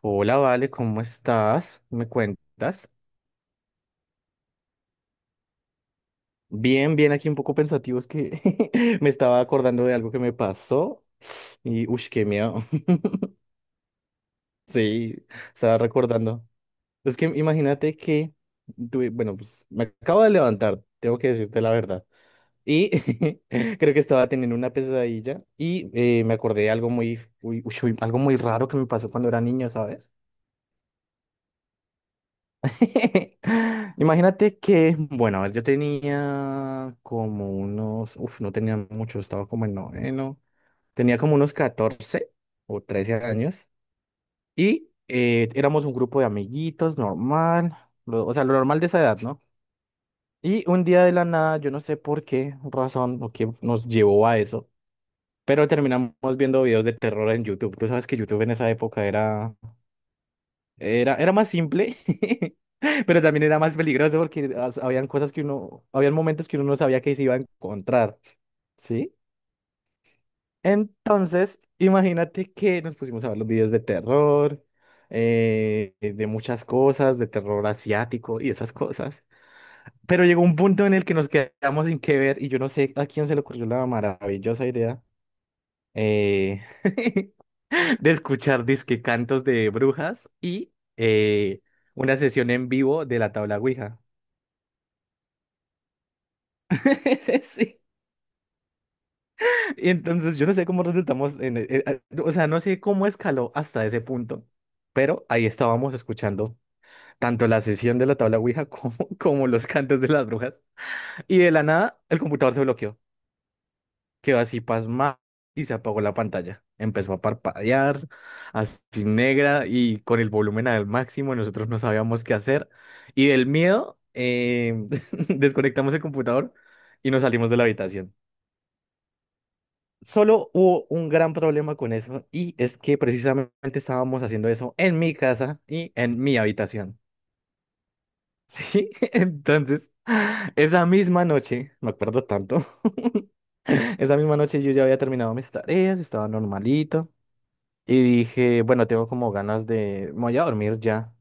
Hola, Vale, ¿cómo estás? ¿Me cuentas? Bien, bien, aquí un poco pensativo, es que me estaba acordando de algo que me pasó y, uff, qué miedo. Sí, estaba recordando. Es que imagínate que, bueno, pues me acabo de levantar, tengo que decirte la verdad. Y creo que estaba teniendo una pesadilla y me acordé de algo muy, uy, ush, uy, algo muy raro que me pasó cuando era niño, ¿sabes? Imagínate que, bueno, a ver, yo tenía como unos, uf, no tenía mucho, estaba como en noveno, tenía como unos 14 o 13 años. Y éramos un grupo de amiguitos normal, o sea, lo normal de esa edad, ¿no? Y un día de la nada, yo no sé por qué razón o qué nos llevó a eso, pero terminamos viendo videos de terror en YouTube. Tú sabes que YouTube en esa época era. Era más simple, pero también era más peligroso porque habían cosas que uno, habían momentos que uno no sabía que se iba a encontrar, ¿sí? Entonces, imagínate que nos pusimos a ver los videos de terror, de muchas cosas, de terror asiático y esas cosas. Pero llegó un punto en el que nos quedamos sin qué ver y yo no sé a quién se le ocurrió la maravillosa idea, eh, de escuchar disque cantos de brujas y eh, una sesión en vivo de la tabla Ouija. Sí. Y entonces yo no sé cómo resultamos en, e- e- o sea, no sé cómo escaló hasta ese punto, pero ahí estábamos escuchando tanto la sesión de la tabla Ouija como, como los cantos de las brujas. Y de la nada, el computador se bloqueó. Quedó así pasmada y se apagó la pantalla. Empezó a parpadear, así negra y con el volumen al máximo. Nosotros no sabíamos qué hacer. Y del miedo, desconectamos el computador y nos salimos de la habitación. Solo hubo un gran problema con eso y es que precisamente estábamos haciendo eso en mi casa y en mi habitación. Sí, entonces, esa misma noche, me acuerdo tanto, esa misma noche yo ya había terminado mis tareas, estaba normalito, y dije, bueno, tengo como ganas de, me voy a dormir ya.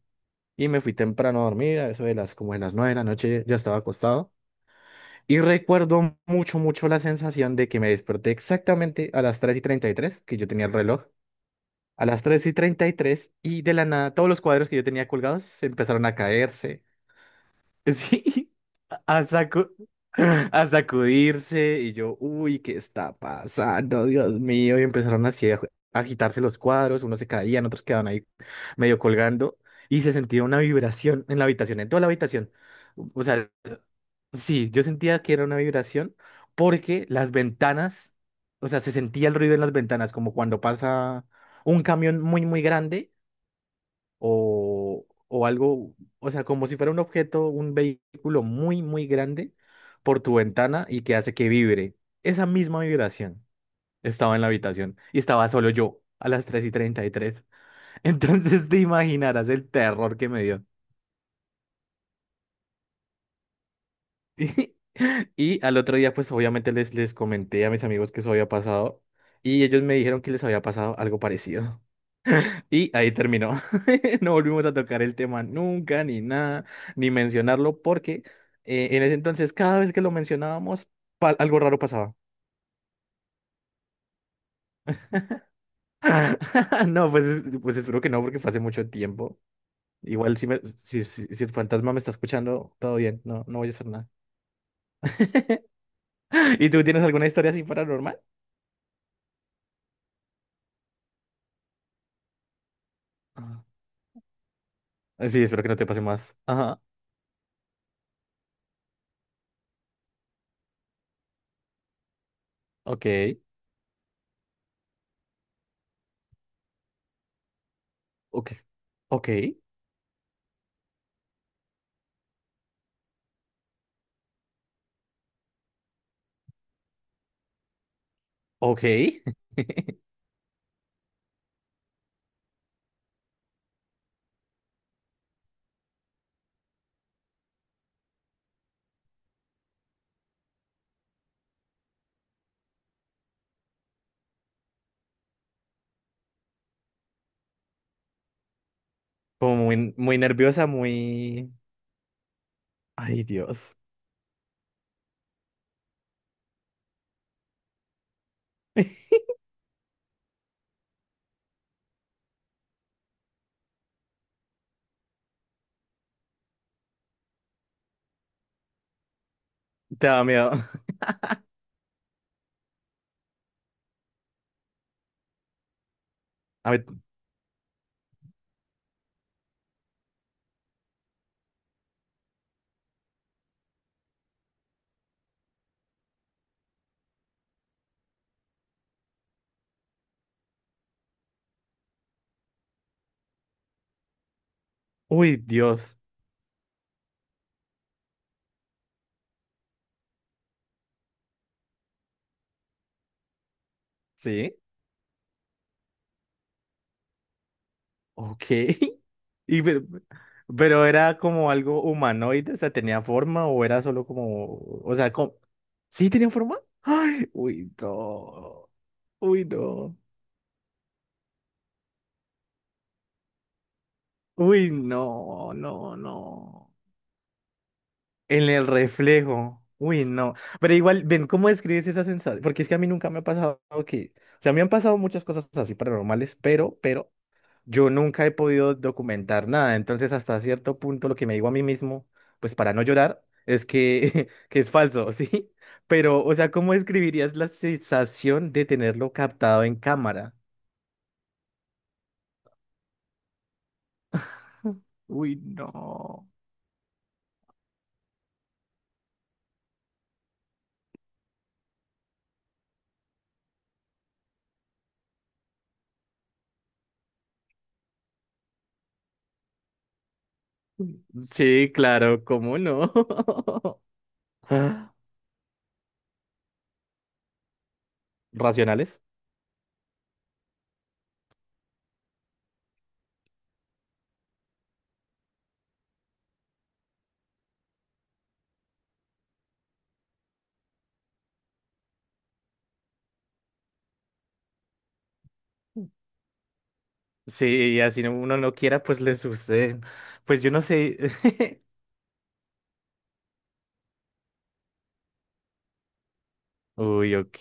Y me fui temprano a dormir, a eso de las, como de las 9 de la noche ya estaba acostado. Y recuerdo mucho, mucho la sensación de que me desperté exactamente a las 3:33, que yo tenía el reloj, a las 3 y 33, y tres, y de la nada todos los cuadros que yo tenía colgados se empezaron a caerse. Sí. a, sacu- a sacudirse y yo, uy, ¿qué está pasando? Dios mío. Y empezaron así a agitarse los cuadros, unos se caían, otros quedaban ahí medio colgando y se sentía una vibración en la habitación, en toda la habitación. O sea, sí, yo sentía que era una vibración porque las ventanas, o sea, se sentía el ruido en las ventanas como cuando pasa un camión muy, muy grande o algo, o sea, como si fuera un objeto, un vehículo muy, muy grande por tu ventana y que hace que vibre. Esa misma vibración estaba en la habitación y estaba solo yo a las 3:33. Entonces te imaginarás el terror que me dio. Y al otro día, pues obviamente les, les comenté a mis amigos que eso había pasado y ellos me dijeron que les había pasado algo parecido. Y ahí terminó. No volvimos a tocar el tema nunca, ni nada, ni mencionarlo, porque en ese entonces cada vez que lo mencionábamos, algo raro pasaba. No, pues, pues espero que no, porque fue hace mucho tiempo. Igual si el fantasma me está escuchando, todo bien, no, no voy a hacer nada. ¿Y tú tienes alguna historia así paranormal? Ah, sí, espero que no te pase más. Ajá. Ok, ok, ok, ok. Como muy, muy nerviosa, muy... Ay, Dios. Te daba miedo. A ver, uy, Dios. Sí, ok. Y, pero era como algo humanoide, o sea, tenía forma o era solo como, o sea, como, ¿sí tenía forma? Ay, uy, no. Uy, no. Uy, no, no, no. En el reflejo. Uy, no. Pero igual, ven, ¿cómo describes esa sensación? Porque es que a mí nunca me ha pasado que, o sea, me han pasado muchas cosas así paranormales, pero yo nunca he podido documentar nada, entonces hasta cierto punto lo que me digo a mí mismo, pues para no llorar, es que, que es falso, ¿sí? Pero, o sea, ¿cómo describirías la sensación de tenerlo captado en cámara? Uy, no. Sí, claro, ¿cómo no? Ah, ¿racionales? Sí, y así no- uno no quiera, pues le sucede. Pues yo no sé. Uy, ok.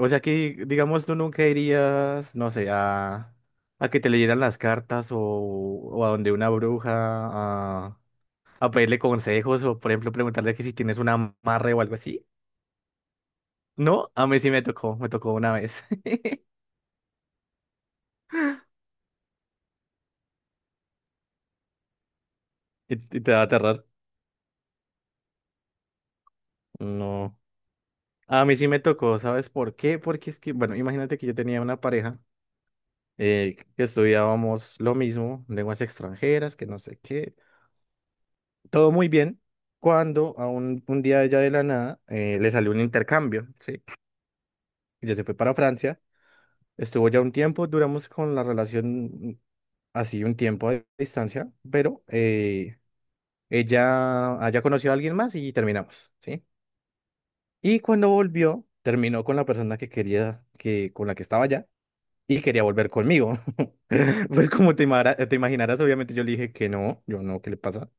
O sea que, digamos, tú nunca irías, no sé, a que te leyeran las cartas o a donde una bruja a pedirle consejos o, por ejemplo, preguntarle que si tienes un amarre o algo así. No, a mí sí me tocó una vez. ¿Y te va a aterrar? No. A mí sí me tocó, ¿sabes por qué? Porque es que, bueno, imagínate que yo tenía una pareja que estudiábamos lo mismo, lenguas extranjeras, que no sé qué. Todo muy bien cuando a un día ella de la nada le salió un intercambio, ¿sí? Ella se fue para Francia, estuvo ya un tiempo, duramos con la relación así un tiempo a distancia, pero ella haya conocido a alguien más y terminamos, ¿sí? Y cuando volvió, terminó con la persona que quería, que, con la que estaba allá. Y quería volver conmigo. Pues como te imaginarás, obviamente yo le dije que no, yo no, ¿qué le pasa?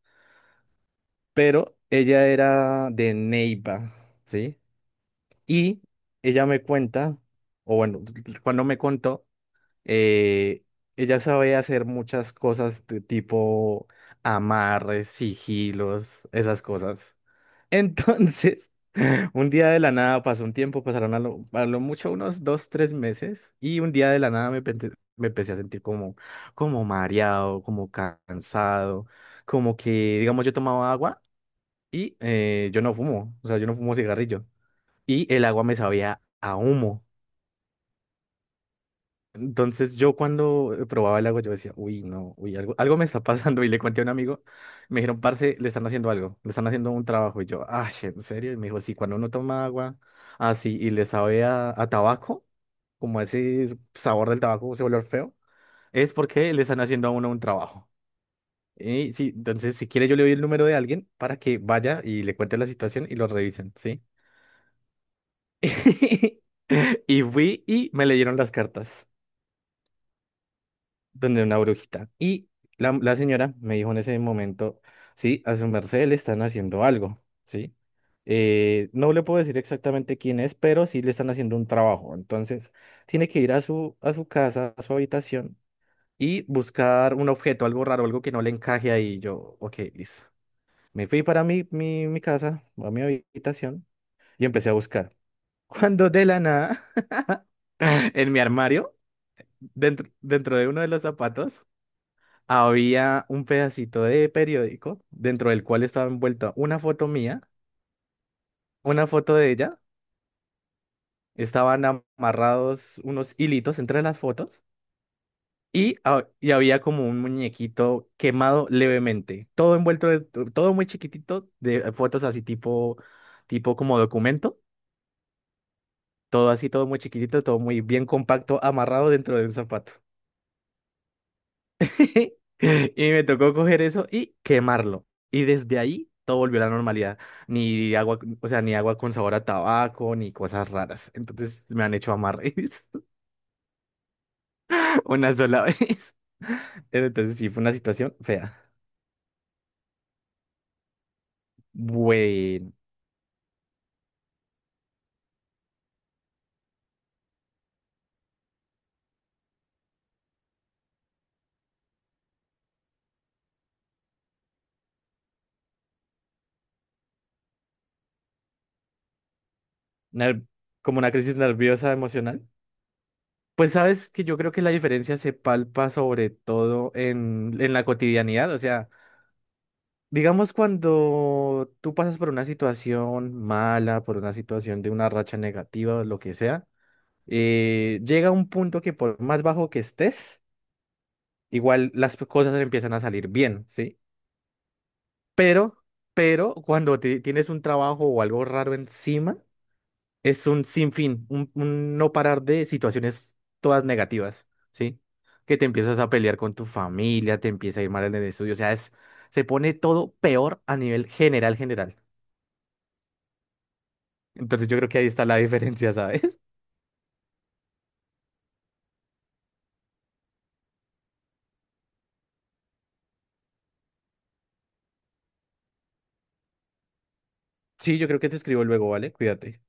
Pero ella era de Neiva, ¿sí? Y ella me cuenta, o bueno, cuando me contó, eh, ella sabe hacer muchas cosas de tipo amarres, sigilos, esas cosas. Entonces, un día de la nada pasó un tiempo, pasaron a lo mucho unos 2, 3 meses, y un día de la nada me empecé a sentir como, como mareado, como cansado, como que, digamos, yo tomaba agua y yo no fumo, o sea, yo no fumo cigarrillo y el agua me sabía a humo. Entonces yo cuando probaba el agua yo decía, uy, no, uy, algo, algo me está pasando. Y le conté a un amigo, me dijeron, parce, le están haciendo algo, le están haciendo un trabajo. Y yo, ay, ¿en serio? Y me dijo, sí, cuando uno toma agua así y le sabe a tabaco, como ese sabor del tabaco, ese olor feo, es porque le están haciendo a uno un trabajo. Y sí, entonces si quiere yo le doy el número de alguien para que vaya y le cuente la situación y lo revisen, ¿sí? Y fui y me leyeron las cartas, donde una brujita. Y la señora me dijo en ese momento, sí, a su merced le están haciendo algo, ¿sí? No le puedo decir exactamente quién es, pero sí le están haciendo un trabajo. Entonces, tiene que ir a su casa, a su habitación y buscar un objeto, algo raro, algo que no le encaje ahí. Yo, ok, listo. Me fui para mi casa, a mi habitación, y empecé a buscar. Cuando de la nada, en mi armario, dentro de uno de los zapatos, había un pedacito de periódico dentro del cual estaba envuelta una foto mía, una foto de ella, estaban amarrados unos hilitos entre las fotos y había como un muñequito quemado levemente, todo envuelto, de- todo muy chiquitito, de fotos así tipo, tipo como documento, todo así, todo muy chiquitito, todo muy bien compacto, amarrado dentro de un zapato. Y me tocó coger eso y quemarlo. Y desde ahí todo volvió a la normalidad. Ni agua, o sea, ni agua con sabor a tabaco, ni cosas raras. Entonces me han hecho amarres una sola vez. Pero entonces sí, fue una situación fea. Bueno, ner- como una crisis nerviosa emocional. Pues sabes que yo creo que la diferencia se palpa sobre todo en la cotidianidad. O sea, digamos, cuando tú pasas por una situación mala, por una situación de una racha negativa o lo que sea, llega un punto que por más bajo que estés, igual las cosas empiezan a salir bien, ¿sí? Pero, pero cuando tienes un trabajo o algo raro encima, es un sinfín, un no parar de situaciones todas negativas, ¿sí? Que te empiezas a pelear con tu familia, te empieza a ir mal en el estudio, o sea, es, se pone todo peor a nivel general, general. Entonces yo creo que ahí está la diferencia, ¿sabes? Sí, yo creo que te escribo luego, ¿vale? Cuídate.